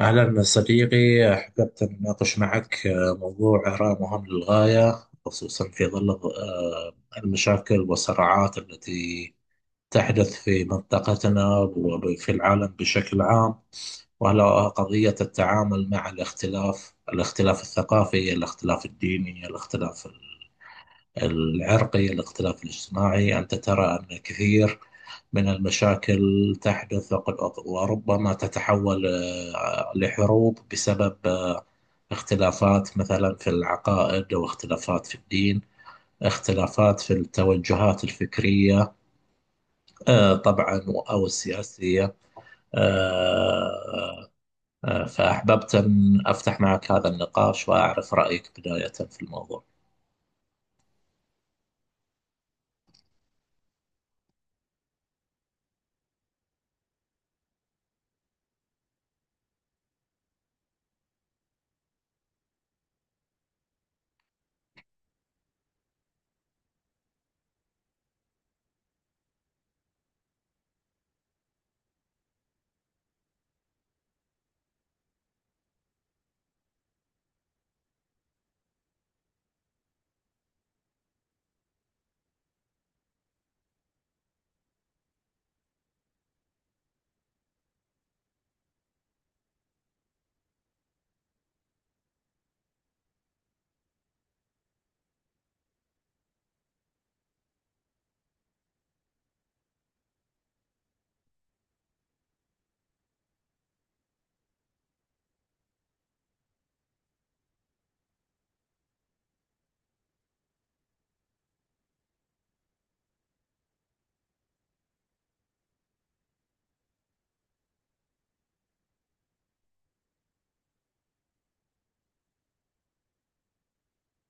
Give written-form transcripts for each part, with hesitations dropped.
أهلا صديقي، أحببت أن أناقش معك موضوع أراه مهم للغاية، خصوصا في ظل المشاكل والصراعات التي تحدث في منطقتنا وفي العالم بشكل عام. وهلا قضية التعامل مع الاختلاف الاختلاف الثقافي، الاختلاف الديني، الاختلاف العرقي، الاختلاف الاجتماعي. أنت ترى أن كثير من المشاكل تحدث وربما تتحول لحروب بسبب اختلافات مثلا في العقائد، أو اختلافات في الدين، اختلافات في التوجهات الفكرية طبعا، أو السياسية. آه، فأحببت أن أفتح معك هذا النقاش وأعرف رأيك بداية في الموضوع.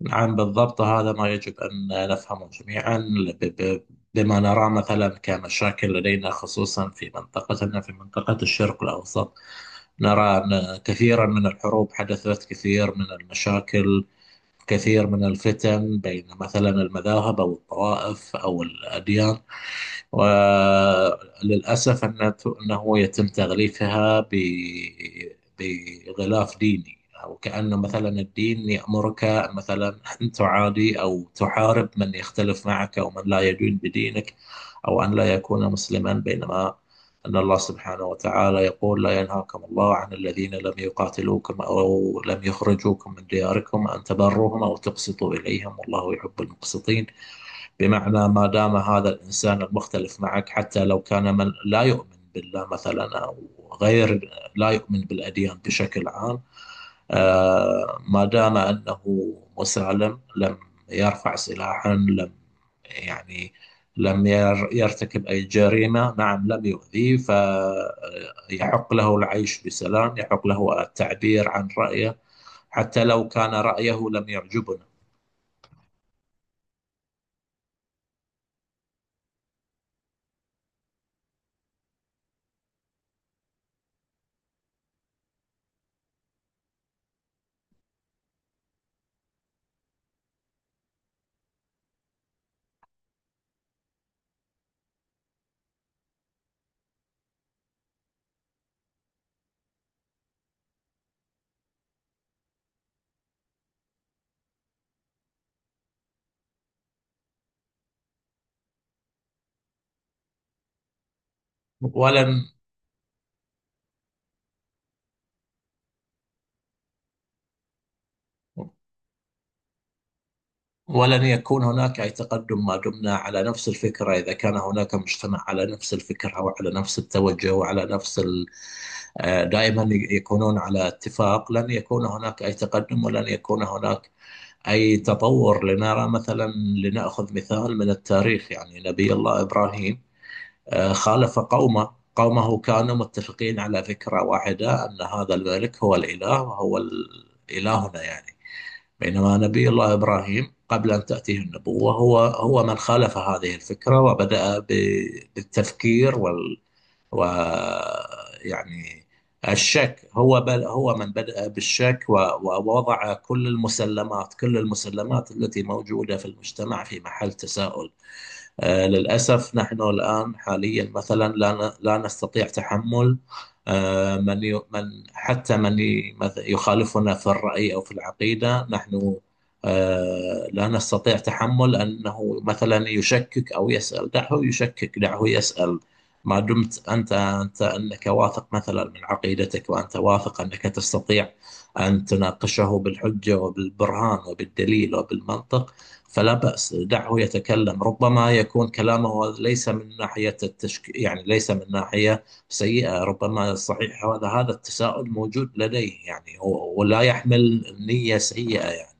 نعم بالضبط، هذا ما يجب أن نفهمه جميعا. ب- ب- بما نراه مثلا كمشاكل لدينا، خصوصا في منطقتنا في منطقة الشرق الأوسط، نرى أن كثيرا من الحروب حدثت، كثير من المشاكل، كثير من الفتن بين مثلا المذاهب أو الطوائف أو الأديان. وللأسف أنه يتم تغليفها بغلاف ديني، أو كأنه مثلا الدين يأمرك مثلا أن تعادي أو تحارب من يختلف معك، أو من لا يدين بدينك، أو أن لا يكون مسلما. بينما أن الله سبحانه وتعالى يقول لا ينهاكم الله عن الذين لم يقاتلوكم أو لم يخرجوكم من دياركم أن تبروهم أو تقسطوا إليهم والله يحب المقسطين. بمعنى ما دام هذا الإنسان المختلف معك، حتى لو كان من لا يؤمن بالله مثلا، أو غير، لا يؤمن بالأديان بشكل عام، ما دام أنه مسالم، لم يرفع سلاحا، لم يعني لم يرتكب أي جريمة، نعم لم يؤذيه، فيحق له العيش بسلام، يحق له التعبير عن رأيه حتى لو كان رأيه لم يعجبنا. ولن ولن يكون هناك أي تقدم ما دمنا على نفس الفكرة. إذا كان هناك مجتمع على نفس الفكرة وعلى نفس التوجه وعلى نفس ال... آه، دائما يكونون على اتفاق، لن يكون هناك أي تقدم، ولن يكون هناك أي تطور. لنرى مثلا، لنأخذ مثال من التاريخ يعني نبي الله إبراهيم خالف قومه، قومه كانوا متفقين على فكرة واحدة أن هذا الملك هو الإله وهو إلهنا يعني. بينما نبي الله إبراهيم قبل أن تأتيه النبوة، هو من خالف هذه الفكرة، وبدأ بالتفكير وال و يعني الشك، هو بل هو من بدأ بالشك ووضع كل المسلمات، كل المسلمات التي موجودة في المجتمع في محل تساؤل. للأسف نحن الآن حاليا مثلا لا نستطيع تحمل من حتى يخالفنا في الرأي أو في العقيدة. نحن لا نستطيع تحمل أنه مثلا يشكك أو يسأل. دعه يشكك، دعه يسأل. ما دمت أنت أنك واثق مثلا من عقيدتك، وأنت واثق أنك تستطيع أن تناقشه بالحجة وبالبرهان وبالدليل وبالمنطق، فلا بأس، دعه يتكلم. ربما يكون كلامه ليس من ناحية يعني ليس من ناحية سيئة، ربما صحيح هذا التساؤل موجود لديه، يعني ولا يحمل نية سيئة يعني.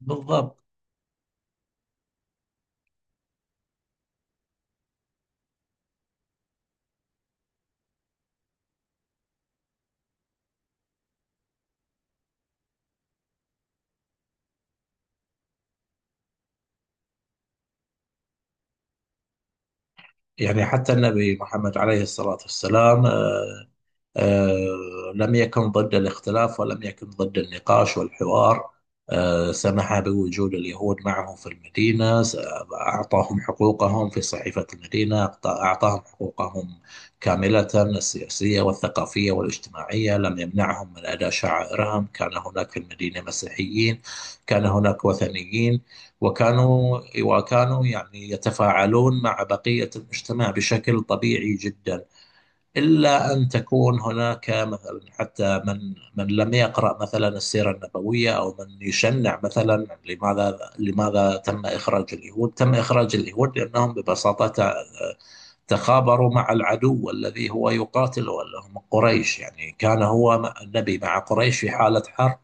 بالضبط. يعني حتى النبي محمد عليه الصلاة والسلام لم يكن ضد الاختلاف، ولم يكن ضد النقاش والحوار. سمح بوجود اليهود معه في المدينة، أعطاهم حقوقهم في صحيفة المدينة، أعطاهم حقوقهم كاملة، السياسية والثقافية والاجتماعية. لم يمنعهم من أداء شعائرهم. كان هناك في المدينة مسيحيين، كان هناك وثنيين، وكانوا يعني يتفاعلون مع بقية المجتمع بشكل طبيعي جدا. إلا أن تكون هناك مثلا حتى من لم يقرأ مثلا السيرة النبوية، أو من يشنع مثلا، لماذا تم إخراج اليهود؟ تم إخراج اليهود لأنهم ببساطة تخابروا مع العدو الذي هو يقاتله، اللي هم قريش، يعني كان هو النبي مع قريش في حالة حرب،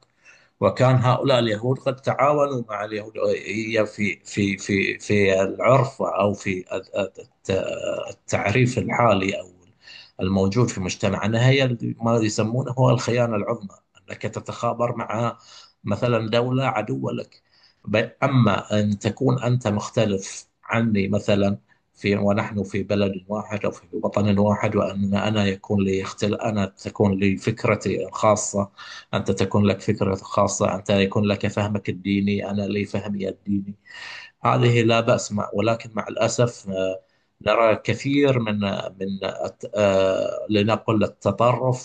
وكان هؤلاء اليهود قد تعاونوا مع اليهودية، في العرف أو في التعريف الحالي أو الموجود في مجتمعنا، هي ما يسمونه هو الخيانة العظمى، أنك تتخابر مع مثلا دولة عدوة لك. أما أن تكون أنت مختلف عني مثلا في، ونحن في بلد واحد أو في وطن واحد، وأن أنا يكون لي اختل، أنا تكون لي فكرتي الخاصة، أنت تكون لك فكرة خاصة، أنت يكون لك فهمك الديني، أنا لي فهمي الديني، هذه لا بأس. مع، ولكن مع الأسف نرى كثير من من لنقل التطرف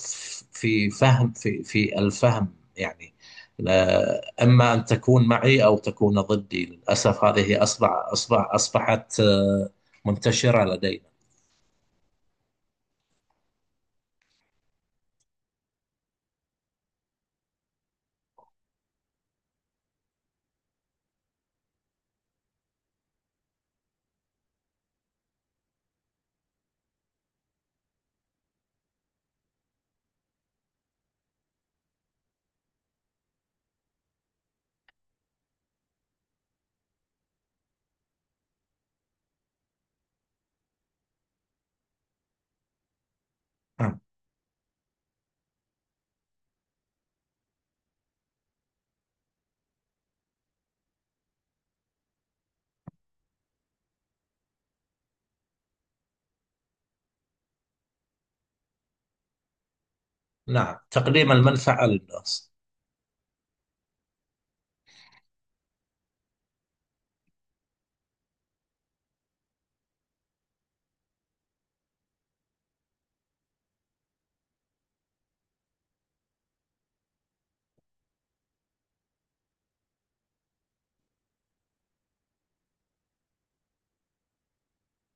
في فهم، في الفهم يعني، إما أن تكون معي أو تكون ضدي. للأسف هذه أصبحت منتشرة لدينا. نعم. نعم، تقديم المنفعة للناس.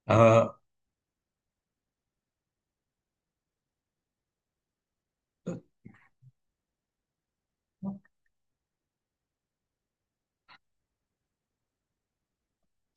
آه،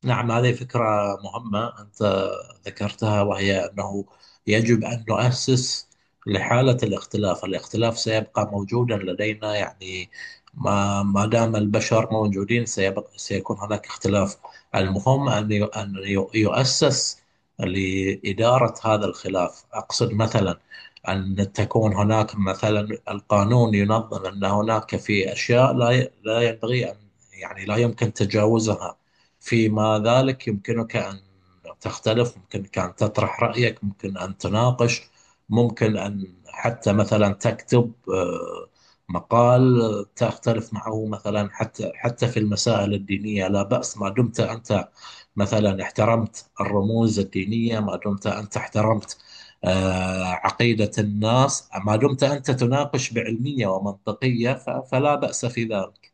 نعم، هذه فكرة مهمة أنت ذكرتها، وهي أنه يجب أن نؤسس لحالة الاختلاف. الاختلاف سيبقى موجودا لدينا يعني، ما دام البشر موجودين سيبقى، سيكون هناك اختلاف. المهم يؤسس لإدارة هذا الخلاف. أقصد مثلا أن تكون هناك مثلا القانون ينظم، أن هناك في أشياء لا ينبغي أن، يعني لا يمكن تجاوزها. فيما ذلك يمكنك أن تختلف، يمكنك أن تطرح رأيك، ممكن أن تناقش، ممكن أن حتى مثلا تكتب مقال تختلف معه مثلا، حتى في المسائل الدينية لا بأس، ما دمت أنت مثلا احترمت الرموز الدينية، ما دمت أنت احترمت عقيدة الناس، ما دمت أنت تناقش بعلمية ومنطقية، فلا بأس في ذلك.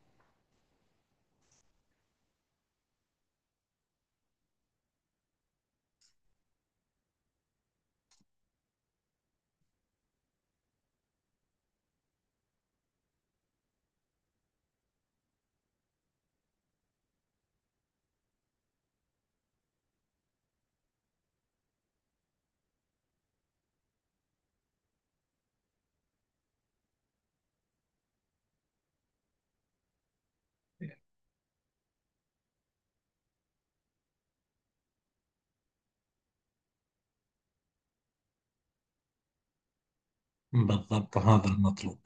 بالضبط، هذا المطلوب.